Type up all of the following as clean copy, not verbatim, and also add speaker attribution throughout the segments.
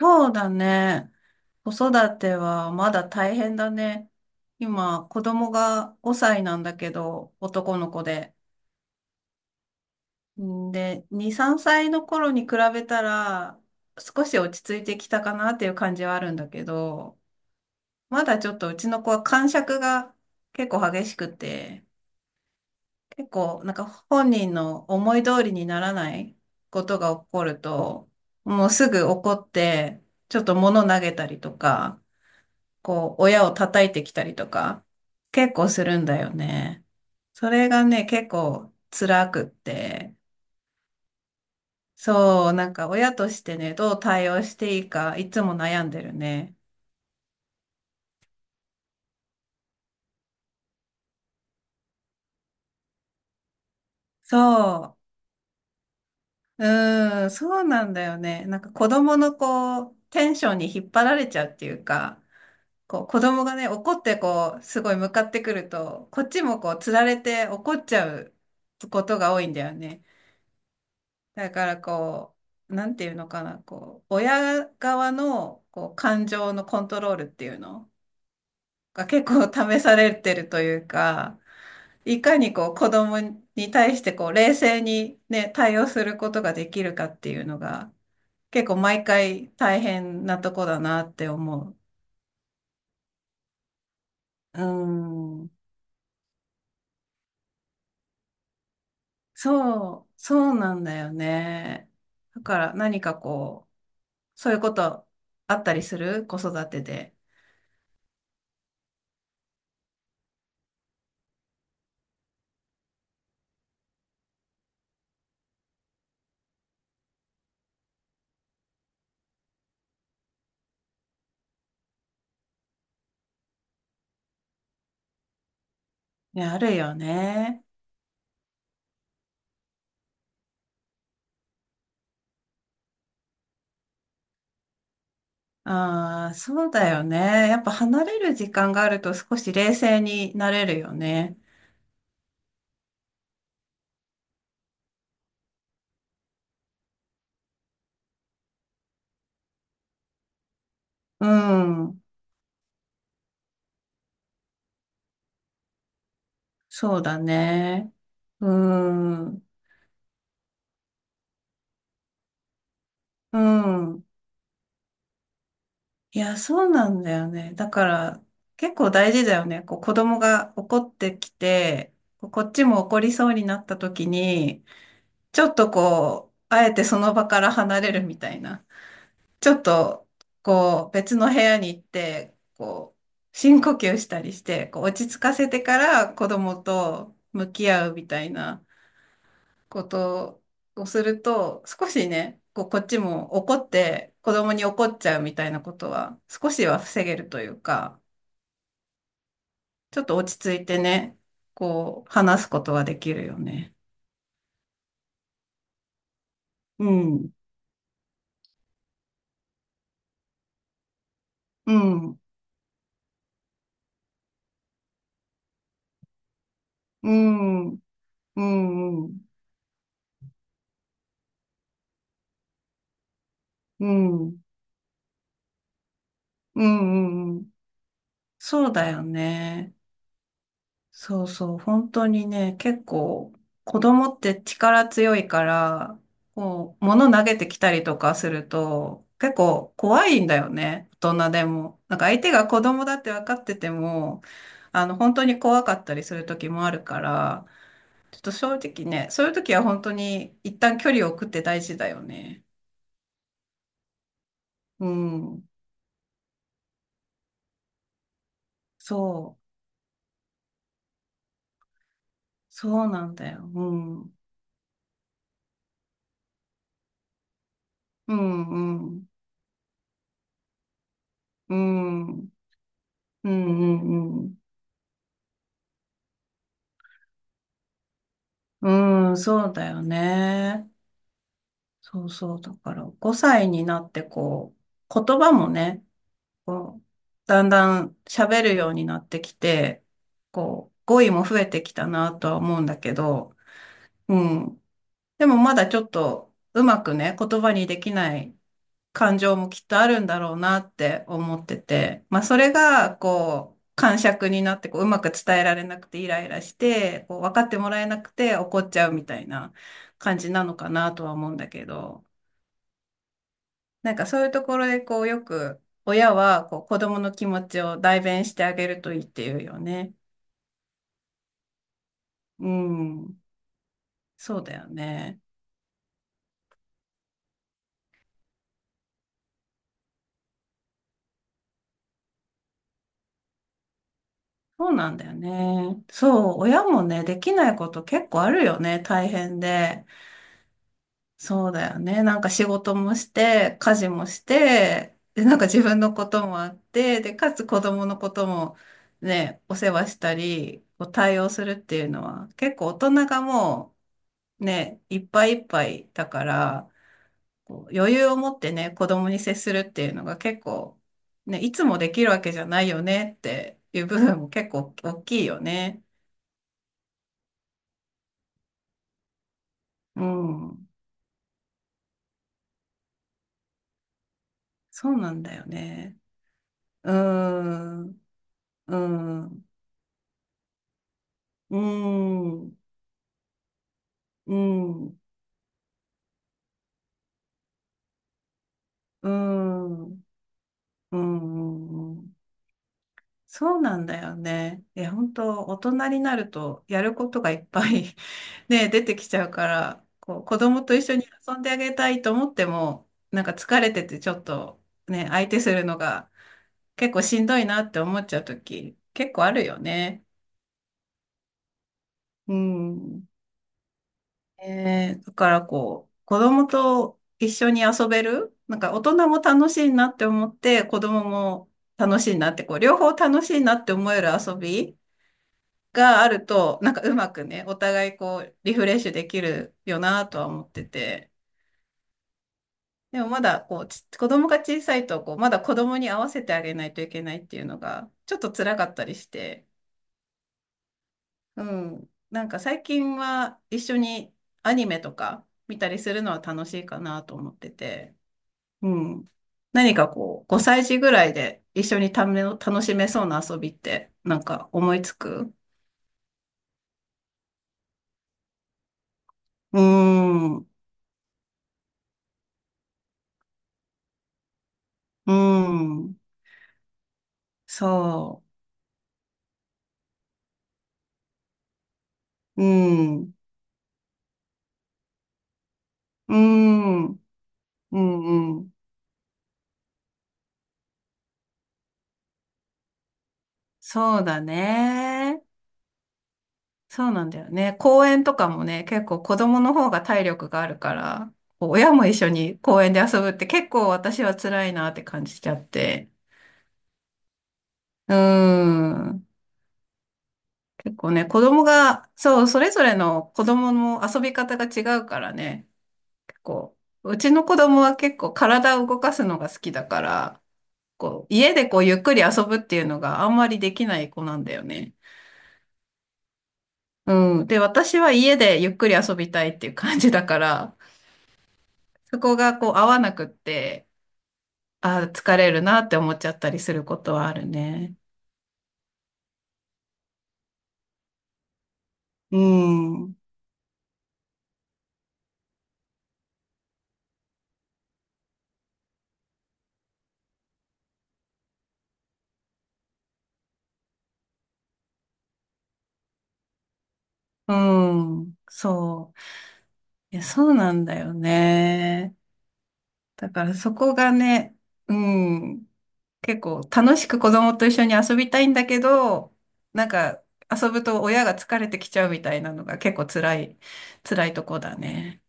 Speaker 1: そうだね。子育てはまだ大変だね。今、子供が5歳なんだけど、男の子で。んで、2、3歳の頃に比べたら、少し落ち着いてきたかなっていう感じはあるんだけど、まだちょっとうちの子は癇癪が結構激しくて、結構なんか本人の思い通りにならないことが起こると、もうすぐ怒って、ちょっと物投げたりとか、こう、親を叩いてきたりとか、結構するんだよね。それがね、結構辛くって、そう、なんか親としてね、どう対応していいか、いつも悩んでるね。そう、そうなんだよね。なんか子供のこう、テンションに引っ張られちゃうっていうか、こう、子供がね、怒ってこう、すごい向かってくると、こっちもこう、つられて怒っちゃうことが多いんだよね。だからこう、なんていうのかな、こう、親側のこう感情のコントロールっていうのが結構試されてるというか、いかにこう子供に対してこう冷静にね、対応することができるかっていうのが結構毎回大変なとこだなって思う。うん。そう、そうなんだよね。だから何かこう、そういうことあったりする子育てで。いや、あるよね。ああ、そうだよね。やっぱ離れる時間があると少し冷静になれるよね。うん。そうだね。うん。うん。いや、そうなんだよね。だから、結構大事だよね。こう、子供が怒ってきて、こうこっちも怒りそうになった時に、ちょっとこう、あえてその場から離れるみたいな。ちょっと、こう、別の部屋に行って、こう、深呼吸したりして、こう、落ち着かせてから子供と向き合うみたいなことをすると、少しね、こう、こっちも怒って、子供に怒っちゃうみたいなことは、少しは防げるというか、ちょっと落ち着いてね、こう、話すことができるよね。うん、うん、うん、うん、うん、うん、うん、うん、そうだよね。そうそう、本当にね、結構、子供って力強いから、こう、物投げてきたりとかすると、結構怖いんだよね、大人でも。なんか相手が子供だって分かってても、本当に怖かったりする時もあるから、ちょっと正直ね、そういう時は本当に一旦距離を置くって大事だよね。うん、そう、そうなんだよ。うん、うん、うん、うん、うん、うん、うん。うん、そうだよね。そうそう。だから、5歳になって、こう、言葉もね、こう、だんだん喋るようになってきて、こう、語彙も増えてきたなとは思うんだけど、うん。でもまだちょっと、うまくね、言葉にできない感情もきっとあるんだろうなって思ってて、まあそれがこう、癇癪になってこう、うまく伝えられなくてイライラして、こう、分かってもらえなくて怒っちゃうみたいな感じなのかなとは思うんだけど、なんかそういうところでこう、よく親はこう、子供の気持ちを代弁してあげるといいっていうよね。うん、そうだよね。そうなんだよね。そう、親もね、できないこと結構あるよね、大変で。そうだよね。なんか仕事もして、家事もして、で、なんか自分のこともあって、で、かつ子供のこともね、お世話したり、こう対応するっていうのは、結構大人がもうね、いっぱいいっぱいだから、こう余裕を持ってね、子供に接するっていうのが結構、ね、いつもできるわけじゃないよねっていう部分も結構大きいよね。うん。そうなんだよね。うーん。うん。うーん。うん、うん、うん、うん、うんそうなんだよね。え、本当大人になるとやることがいっぱい ね、出てきちゃうから、こう、子供と一緒に遊んであげたいと思っても、なんか疲れててちょっとね、相手するのが結構しんどいなって思っちゃうとき、結構あるよね。うん。だからこう、子供と一緒に遊べる、なんか大人も楽しいなって思って、子供も楽しいなって、こう、両方楽しいなって思える遊びがあると、なんかうまくね、お互いこう、リフレッシュできるよなとは思ってて。でもまだこう、子供が小さいと、こう、まだ子供に合わせてあげないといけないっていうのが、ちょっと辛かったりして、うん。なんか最近は一緒にアニメとか見たりするのは楽しいかなと思ってて。うん。何かこう、5歳児ぐらいで一緒に楽しめそうな遊びって、なんか思いつくうーん、うーん、そう、うん、うーん、うん、うん。そうだね。そうなんだよね。公園とかもね、結構子供の方が体力があるから、こう親も一緒に公園で遊ぶって結構私は辛いなって感じちゃって。うーん。結構ね、子供が、そう、それぞれの子供の遊び方が違うからね、結構、うちの子供は結構体を動かすのが好きだから、こう、家でこうゆっくり遊ぶっていうのがあんまりできない子なんだよね。うん。で、私は家でゆっくり遊びたいっていう感じだから、そこがこう合わなくって、あー疲れるなって思っちゃったりすることはあるね。うん。うん。そう。いや、そうなんだよね。だからそこがね、うん、結構楽しく子供と一緒に遊びたいんだけど、なんか遊ぶと親が疲れてきちゃうみたいなのが結構辛い、辛いとこだね。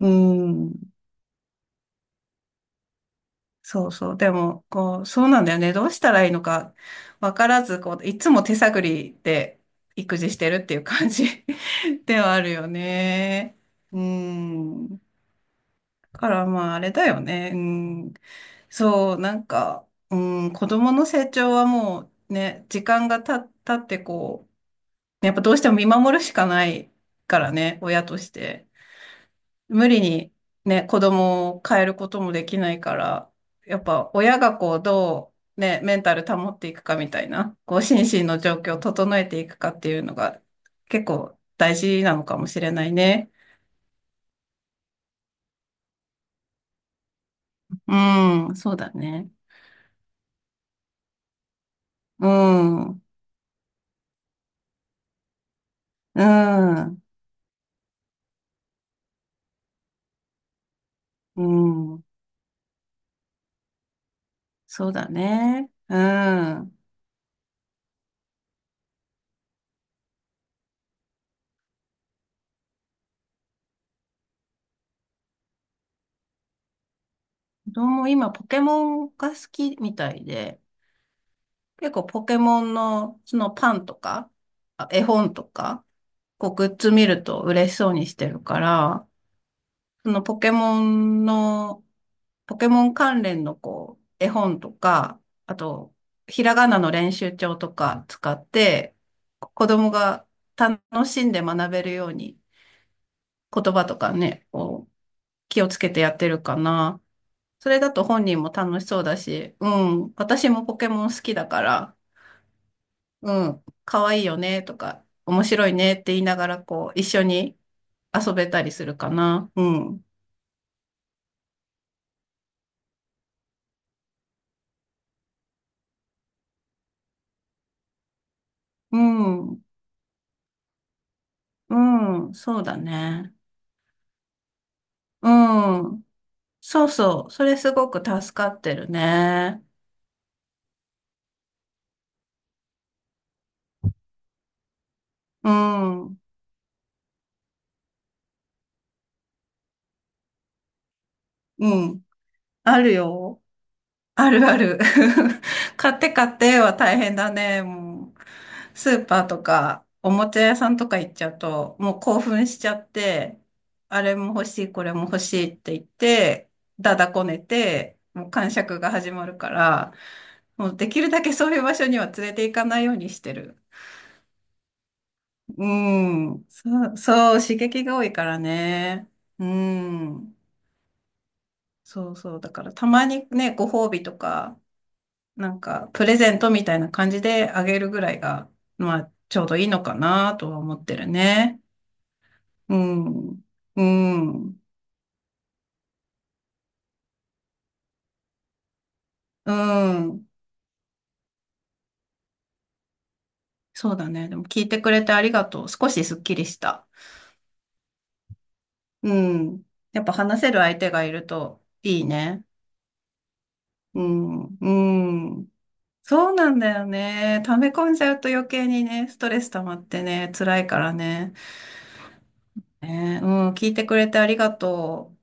Speaker 1: うん。そうそう。でも、こう、そうなんだよね。どうしたらいいのかわからず、こう、いつも手探りで育児してるっていう感じ ではあるよね。うん。からまああれだよね。うん。そう、なんか、うん、子供の成長はもうね、時間が経ってこう、やっぱどうしても見守るしかないからね、親として。無理にね、子供を変えることもできないから、やっぱ親がこう、どうね、メンタル保っていくかみたいな、こう、心身の状況を整えていくかっていうのが結構大事なのかもしれないね。うん、そうだね。うん。うん。うん、そうだね。うん。子供、今、ポケモンが好きみたいで、結構ポケモンの、そのパンとか、絵本とか、こう、グッズ見ると嬉しそうにしてるから、そのポケモンの、ポケモン関連のこう、絵本とか、あと、ひらがなの練習帳とか使って、子供が楽しんで学べるように、言葉とかね、こう、気をつけてやってるかな。それだと本人も楽しそうだし、うん、私もポケモン好きだから、うん、可愛いよねとか、面白いねって言いながら、こう、一緒に遊べたりするかな。うん、うん、うん、そうだね。うん、そうそう、それすごく助かってるね。うん、うん、あるよ。あるある。買って買っては大変だね。もう、スーパーとか、おもちゃ屋さんとか行っちゃうと、もう興奮しちゃって、あれも欲しい、これも欲しいって言って、だだこねて、もう癇癪が始まるから、もうできるだけそういう場所には連れて行かないようにしてる。うん。そう、そう、刺激が多いからね。うん。そうそう。だからたまにね、ご褒美とか、なんか、プレゼントみたいな感じであげるぐらいが、まあ、ちょうどいいのかなとは思ってるね。うん。うん。うん。そうだね。でも聞いてくれてありがとう。少しすっきりした。うん。やっぱ話せる相手がいるといいね。うん。うん。そうなんだよね。溜め込んじゃうと余計にね、ストレス溜まってね、辛いからね。ね、うん。聞いてくれてありがとう。